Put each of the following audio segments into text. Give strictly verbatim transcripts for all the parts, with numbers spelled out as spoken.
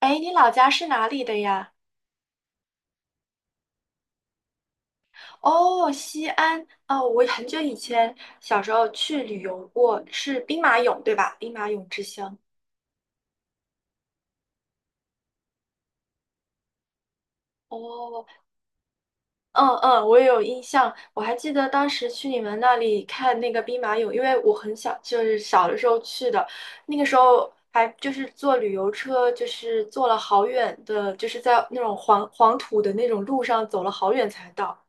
哎，你老家是哪里的呀？哦，西安。哦，我很久以前小时候去旅游过，是兵马俑，对吧？兵马俑之乡。哦，嗯嗯，我也有印象。我还记得当时去你们那里看那个兵马俑，因为我很小，就是小的时候去的，那个时候还就是坐旅游车，就是坐了好远的，就是在那种黄黄土的那种路上走了好远才到。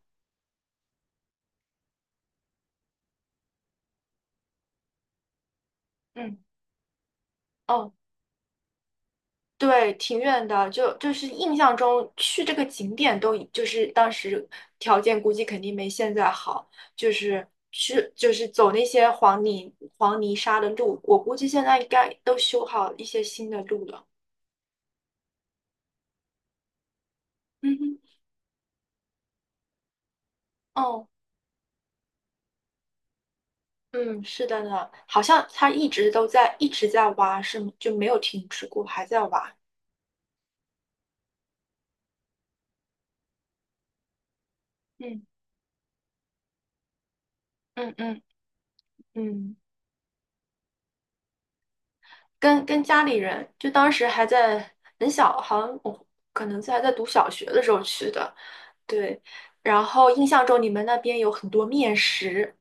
嗯，哦。对，挺远的，就就是印象中去这个景点都已就是当时条件估计肯定没现在好，就是去就是走那些黄泥黄泥沙的路，我估计现在应该都修好一些新的路了。嗯哼，哦，嗯，是的呢，好像他一直都在一直在挖，是吗？就没有停止过，还在挖。嗯嗯嗯嗯，跟跟家里人，就当时还在很小，好像我可能在还在读小学的时候去的。对，然后印象中你们那边有很多面食，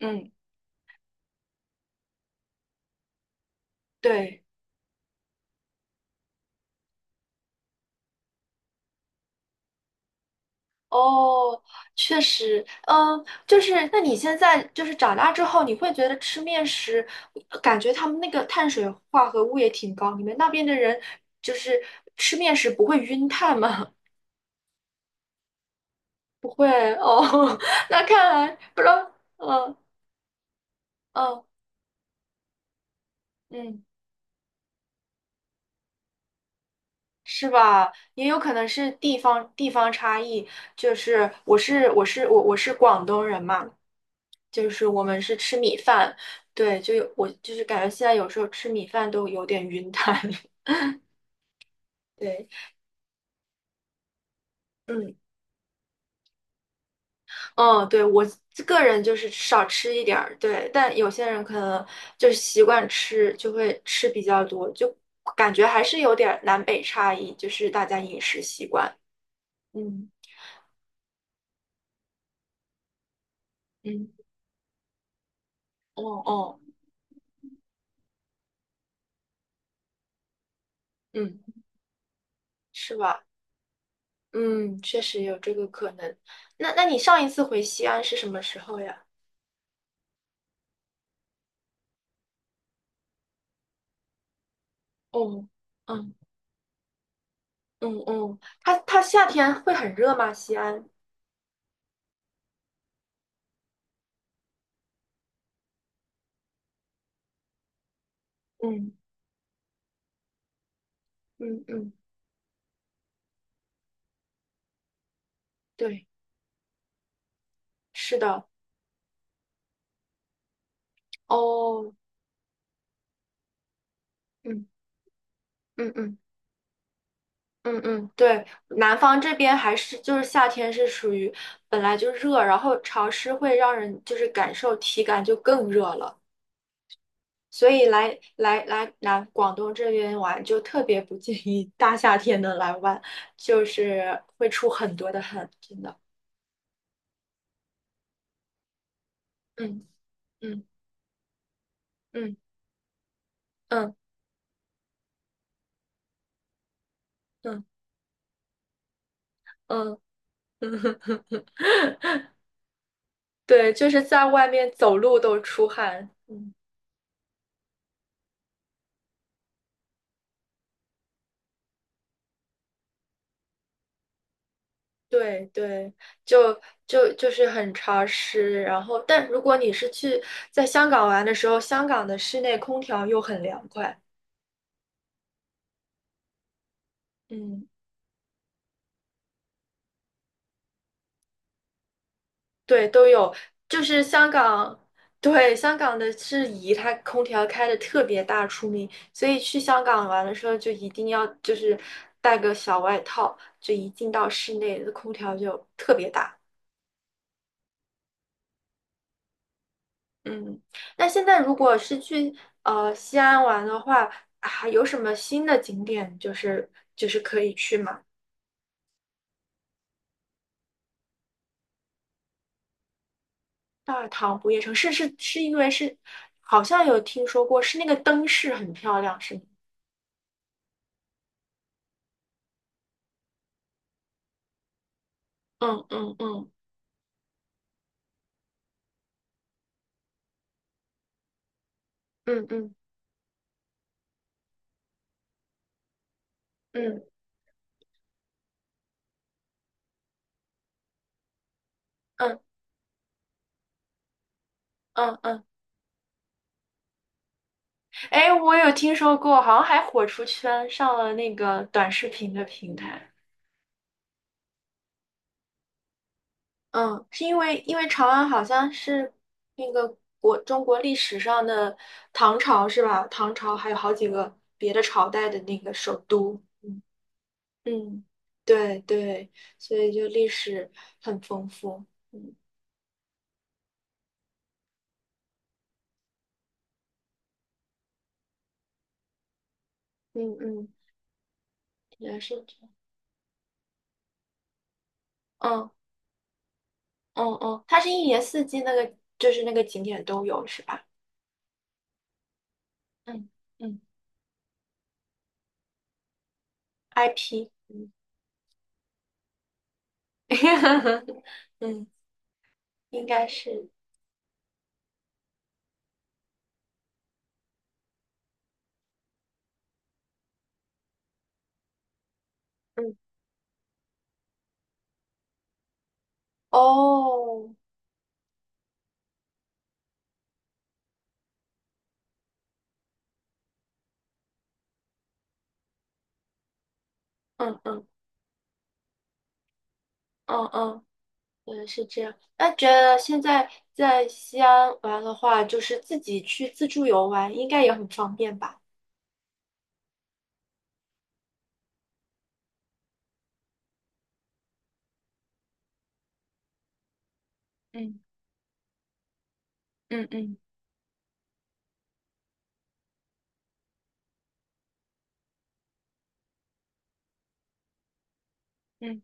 嗯。对，哦，确实，嗯，就是那你现在就是长大之后，你会觉得吃面食，感觉他们那个碳水化合物也挺高，你们那边的人就是吃面食不会晕碳吗？不会，哦，那看来不知道，嗯嗯嗯，是吧？也有可能是地方地方差异，就是我是我是我我是广东人嘛。就是我们是吃米饭，对，就有我就是感觉现在有时候吃米饭都有点晕淡，对，嗯嗯，对我个人就是少吃一点儿，对，但有些人可能就习惯吃，就会吃比较多，就感觉还是有点儿南北差异，就是大家饮食习惯，嗯嗯，哦哦，嗯，是吧？嗯，确实有这个可能。那那你上一次回西安是什么时候呀？哦，嗯。嗯嗯，它它夏天会很热吗？西安？嗯，嗯嗯，对，是的，哦，嗯嗯嗯嗯嗯，对，南方这边还是就是夏天是属于本来就热，然后潮湿会让人就是感受体感就更热了，所以来来来南广东这边玩就特别不建议大夏天的来玩，就是会出很多的汗，真的，嗯嗯嗯嗯嗯嗯嗯。嗯 对，就是在外面走路都出汗。嗯，对对，就就就是很潮湿。然后，但如果你是去在香港玩的时候，香港的室内空调又很凉快。嗯，对，都有。就是香港，对，香港的是宜，它空调开的特别大出名，所以去香港玩的时候就一定要就是带个小外套，就一进到室内，空调就特别大。嗯，那现在如果是去呃西安玩的话，还有什么新的景点就是就是可以去吗？大唐不夜城是是是因为是好像有听说过，是那个灯饰很漂亮，是吗？嗯嗯嗯嗯嗯嗯嗯嗯嗯，哎，我有听说过，好像还火出圈，上了那个短视频的平台。嗯，是因为因为长安好像是那个国中国历史上的唐朝是吧？唐朝还有好几个别的朝代的那个首都。嗯嗯，对对，所以就历史很丰富。嗯嗯嗯，也是这样。嗯嗯嗯，它是一年四季那个就是那个景点都有是吧？嗯嗯，I P。嗯 嗯，应该是。嗯哦，嗯嗯嗯嗯嗯，是这样。那觉得现在在西安玩的话，就是自己去自助游玩，应该也很方便吧？嗯嗯嗯嗯，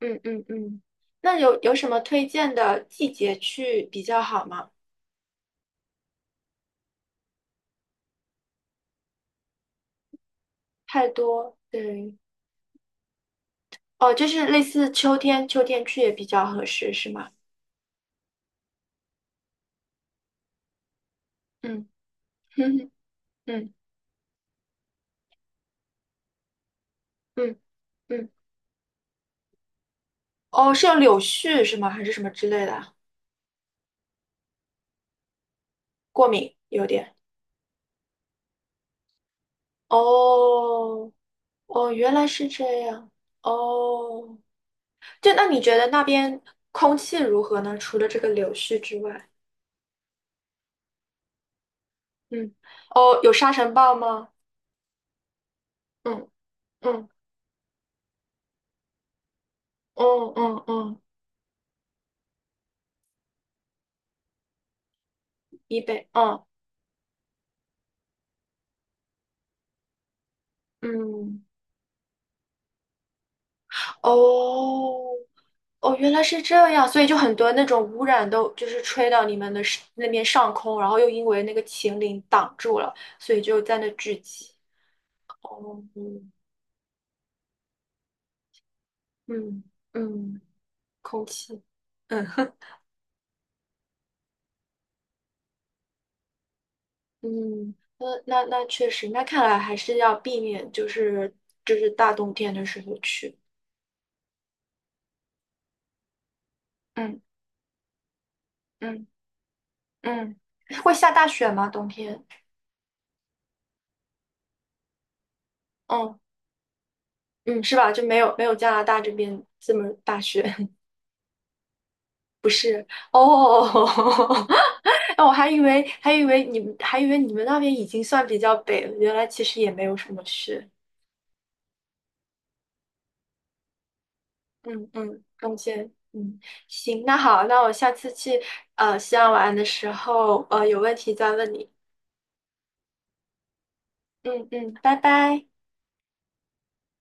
嗯嗯嗯。那有有什么推荐的季节去比较好吗？太多，对，哦，就是类似秋天，秋天去也比较合适，是吗？嗯 哼嗯，嗯嗯，哦，是有柳絮是吗？还是什么之类的啊过敏有点。哦哦，原来是这样。哦就那你觉得那边空气如何呢？除了这个柳絮之外，嗯，哦，有沙尘暴吗？嗯嗯嗯嗯嗯，以北，嗯嗯，哦哦，原来是这样，所以就很多那种污染都就是吹到你们的是那边上空，然后又因为那个秦岭挡住了，所以就在那聚集。哦，嗯嗯嗯，空气，嗯。嗯，那那那确实，那看来还是要避免，就是就是大冬天的时候去。嗯嗯嗯，会下大雪吗？冬天？嗯嗯，是吧？就没有没有加拿大这边这么大雪。哦，那我还以为还以为你们还以为你们那边已经算比较北了，原来其实也没有什么雪。嗯嗯，冬天。嗯，行，那好，那我下次去呃西安玩的时候，呃有问题再问你。嗯嗯，拜拜。